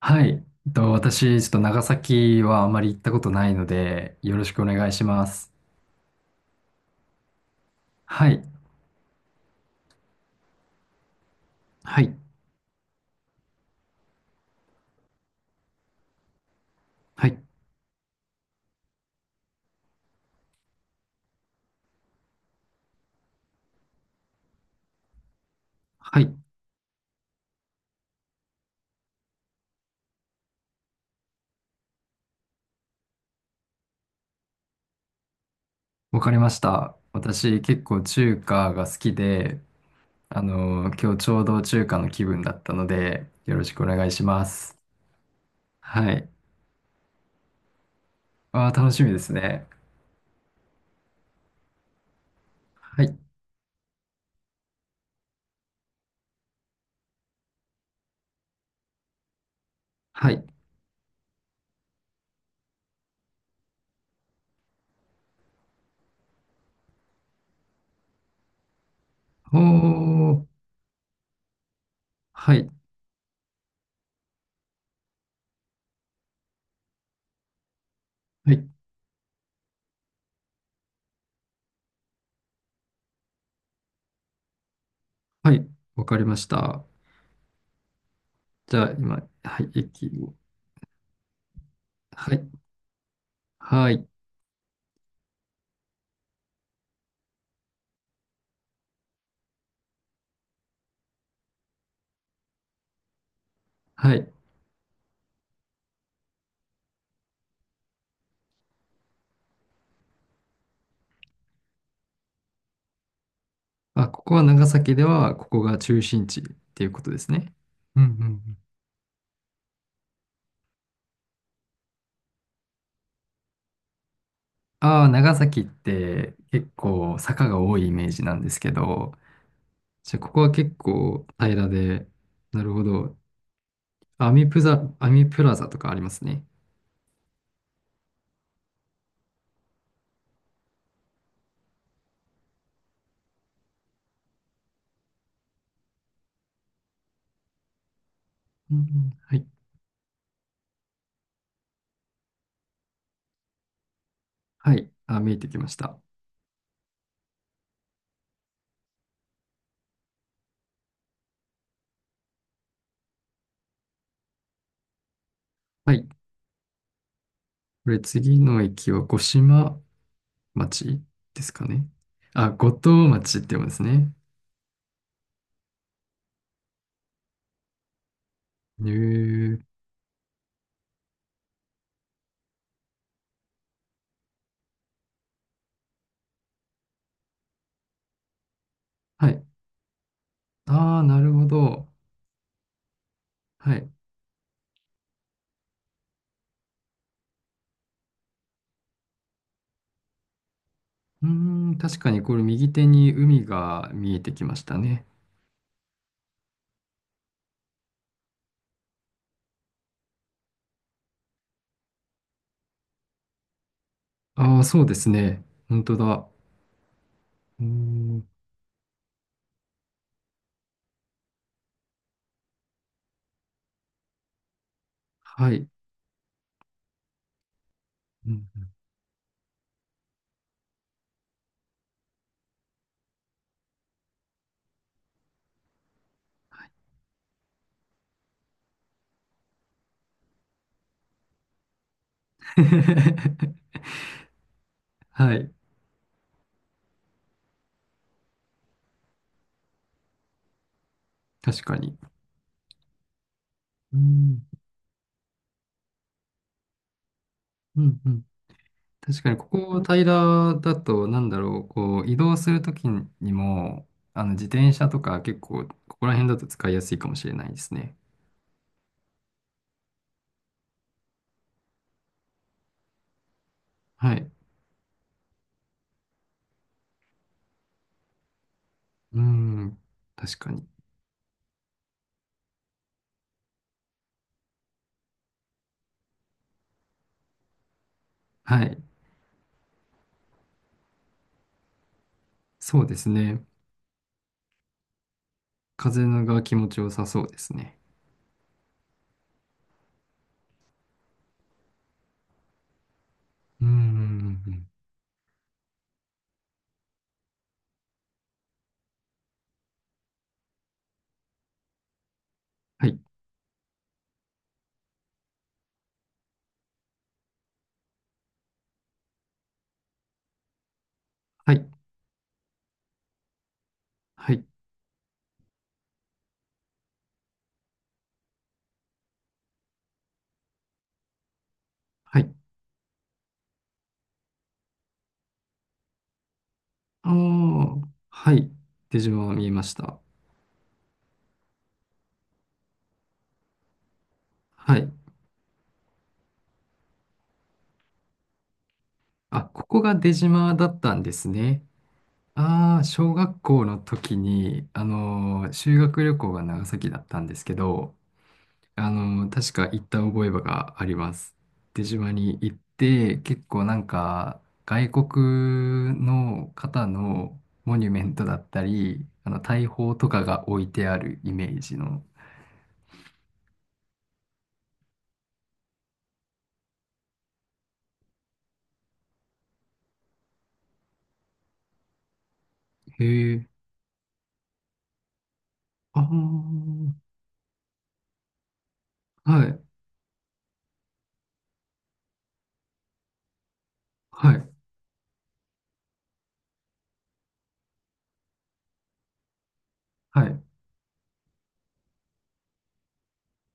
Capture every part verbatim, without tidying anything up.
はい。えっと、私、ちょっと長崎はあまり行ったことないので、よろしくお願いします。はい。はい。はい。はい。わかりました。私、結構中華が好きで、あの今日ちょうど中華の気分だったので、よろしくお願いします。はい。ああ、楽しみですね。はい。はい。おー。はい。はい。はい。わかりました。じゃあ、今、はい。駅を。はい。はい。はい。あ、ここは長崎では、ここが中心地っていうことですね。うんうんうん。ああ、長崎って結構坂が多いイメージなんですけど、じゃあここは結構平らで、なるほど。アミプザ、アミプラザとかありますね。うんうん、はい。はい。あ、見えてきました。はい。これ次の駅は五島町ですかね。あ、五島町って読むんですね。へえ。はい。ああ、なるほど。はい。うーん、確かにこれ右手に海が見えてきましたね。ああ、そうですね。本当だ。うーん、はい。うん はい。確かに。うん、うん、うん。確かに、ここ平らだと、なんだろう、こう、移動するときにも、あの、自転車とか結構、ここら辺だと使いやすいかもしれないですね。はい。うん、確かに。はい。そうですね。風が気持ちよさそうですね。うんうん。はいはい、はい、はい。ああ、はい。出島見えました。はい。あ、ここが出島だったんですね。ああ、小学校の時に、あのー修学旅行が長崎だったんですけど、あのー確か行った覚えがあります。出島に行って、結構なんか、外国の方のモニュメントだったり、あの、大砲とかが置いてあるイメージの。へえ。ああ。はいはい、はい。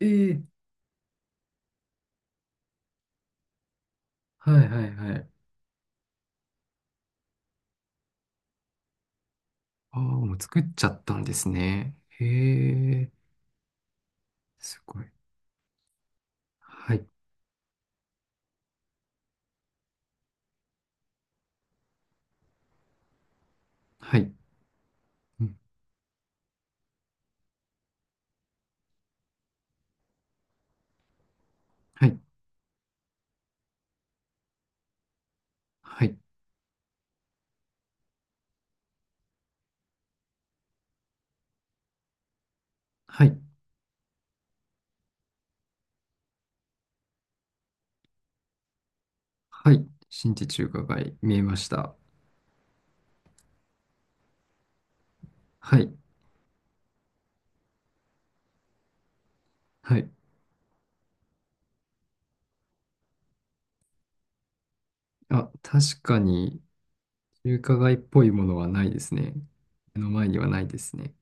ええ、はい、はい、はい。ああ、もう作っちゃったんですね。へえ、すごい。はい、はい、うん、はい、はい、はい、はい。新地中華街、見えました。はい、はい。あ、確かに、中華街っぽいものはないですね。目の前にはないですね。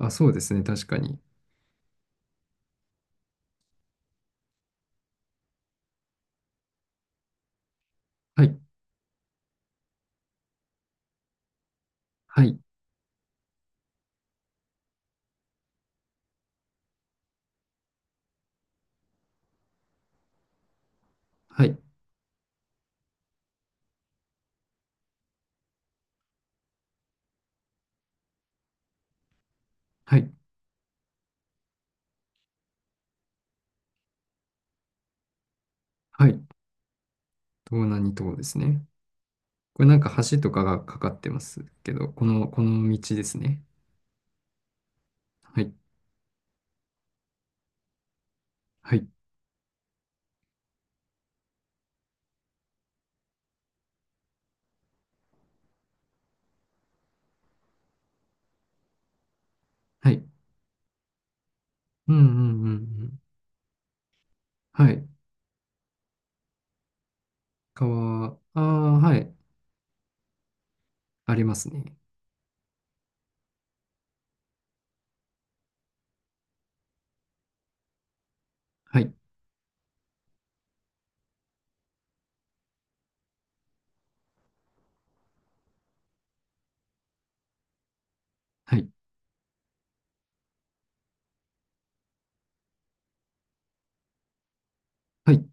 あ、そうですね、確かに。はい、はい、はい、はい、はい。東南に島ですね。これなんか橋とかがかかってますけど、この、この道ですね。はい。はい。はい。うんうんうんうん。はい。川、ああ、はい。ありますね。はい。はい。はい。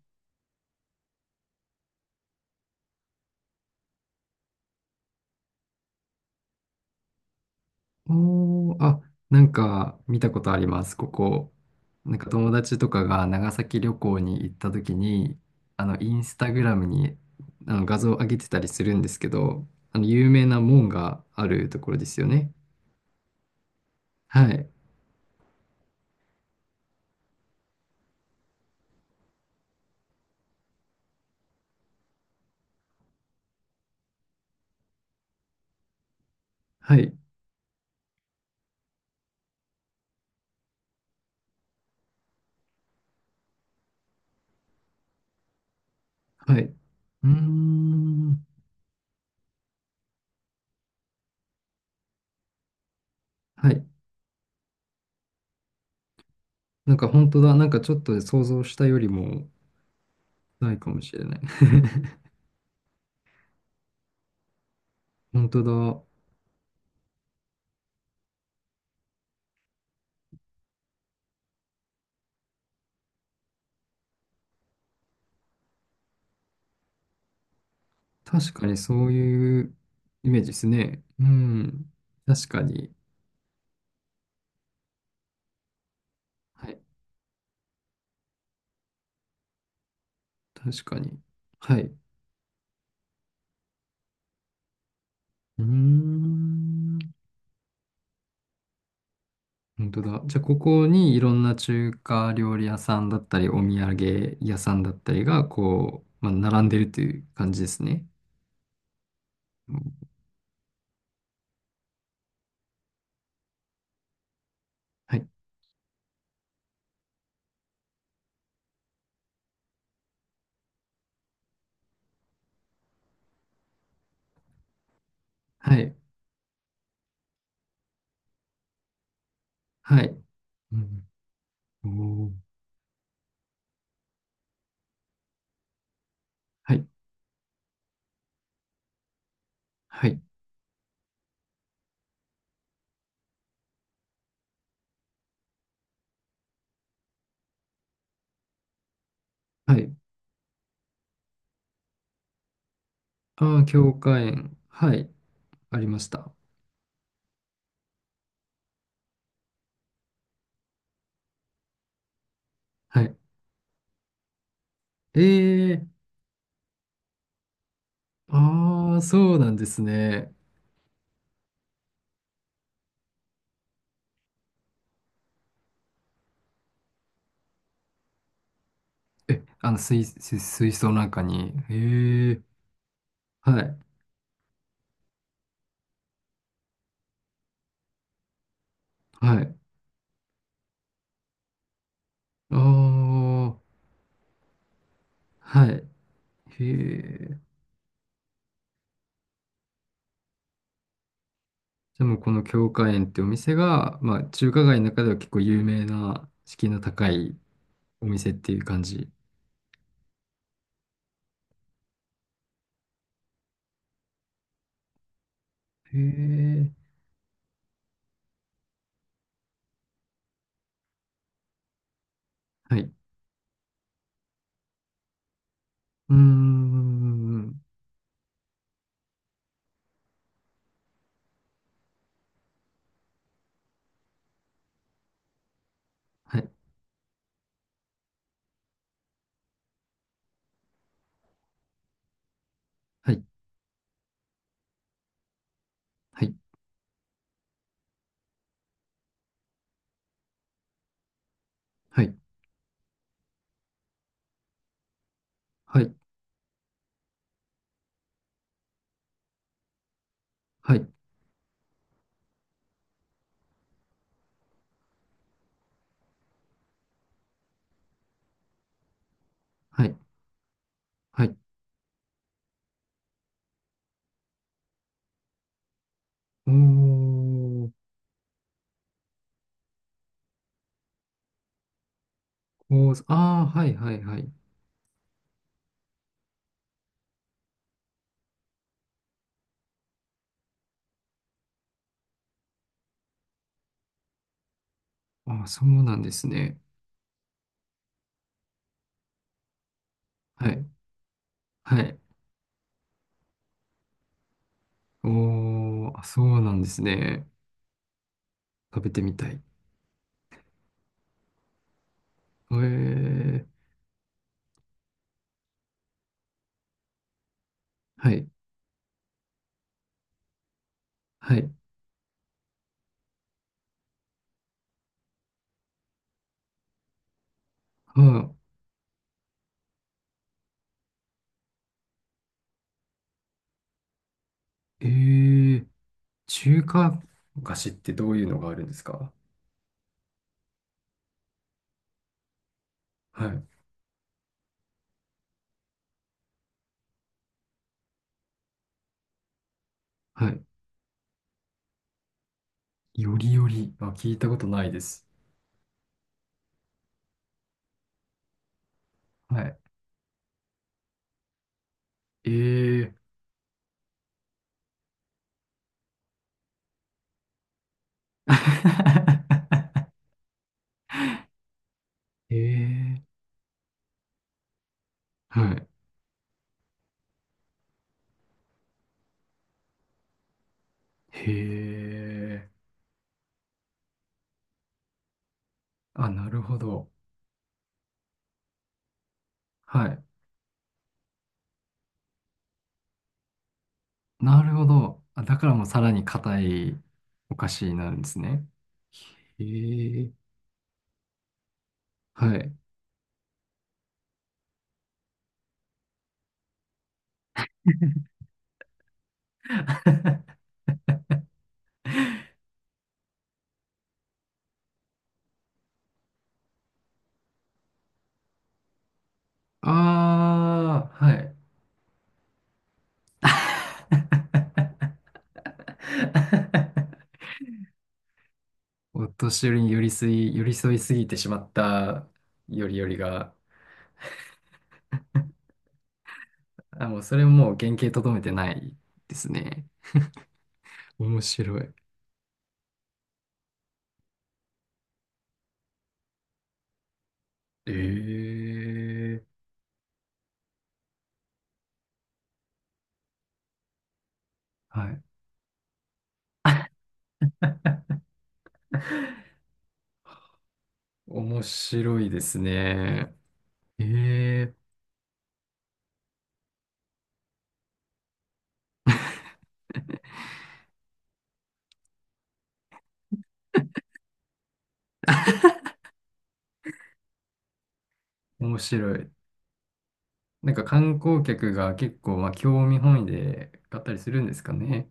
おー、あ、なんか見たことあります、ここ。なんか友達とかが長崎旅行に行った時に、あの、インスタグラムにあの画像を上げてたりするんですけど、あの、有名な門があるところですよね。はい。はい。はい。うーん。はい。なんか本当だ。なんかちょっと想像したよりも、ないかもしれない。本当だ。確かにそういうイメージですね。うん。確かに。はい。確かに。はい。うーん。本当だ。じゃあ、ここにいろんな中華料理屋さんだったり、お土産屋さんだったりが、こう、まあ、並んでるという感じですね。うんはい。はい。はい。うん。おーはい。はい。はい。ああ、教科園。はい。ありました。はい。ええああ、そうなんですね。え、あの、水、水水槽の中に。へえ、はい、はい。ああ、はい。へえ。でも、この京華園ってお店が、まあ、中華街の中では結構有名な、敷居の高いお店っていう感じ。へえ、はい。うーん、はい、はい、はい、はい、はい、はい、はい、はい。おー、こう、ああ、はい、はい、はい。ああ、そうなんですね。はい。はい。おー、あそうなんですね。食べてみたい。えー、はい、はい。はえー、中華菓子ってどういうのがあるんですか？はい、はい。よりより。あ、聞いたことないです。はい。えー、えー、はい。へー。あ、なるほど。はい。なるほど。あ、だからもうさらに硬いお菓子になるんですね。へー。はい。ああ、はい。お年寄りに寄り添い、寄り添いすぎてしまったよりよりが、あ、もうそれもう原型とどめてないですね。面白い。ええはい。面白いですね。ええ面白い。なんか観光客が結構、まあ、興味本位で買ったりするんですかね。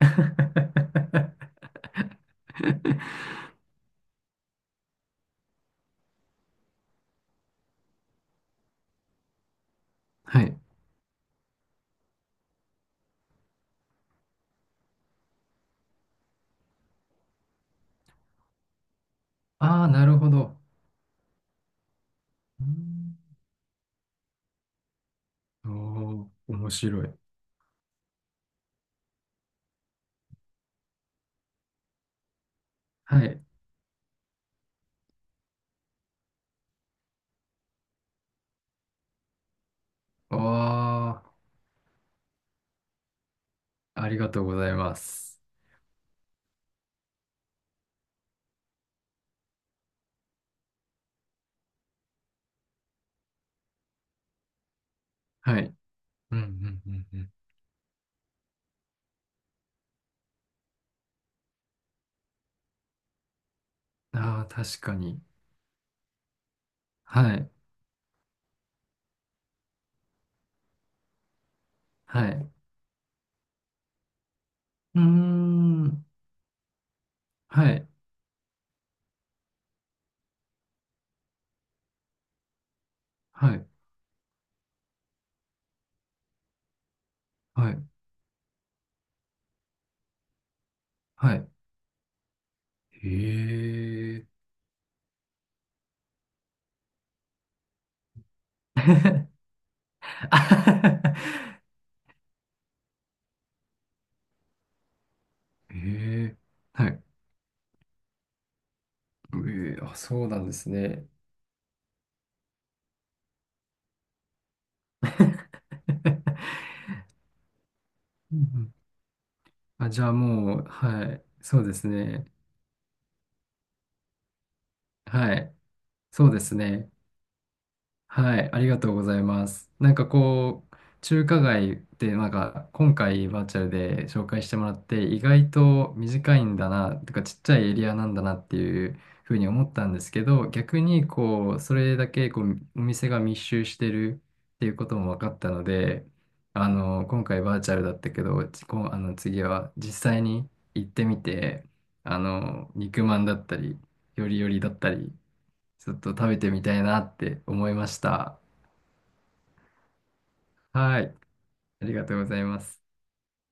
はい。ああ、なるほど。うんおー面白い。はい。ああ、ありがとうございます。はい。うんうんうんうん。ああ、確かに。はい。はい。うーん。はい。はい。はい。はい。へえ。あははへえ。はい。ええ、あ、そうなんですね。うんうんあ、じゃあもう、はい。そうですね。はい。そうですね。はい、ありがとうございます。なんかこう、中華街ってなんか今回バーチャルで紹介してもらって意外と短いんだな、とかちっちゃいエリアなんだなっていうふうに思ったんですけど、逆にこう、それだけこうお店が密集してるっていうことも分かったので、あの、今回バーチャルだったけど、こうあの次は実際に行ってみて、あの、肉まんだったり、よりよりだったり、ちょっと食べてみたいなって思いました。はい。ありがとうございます。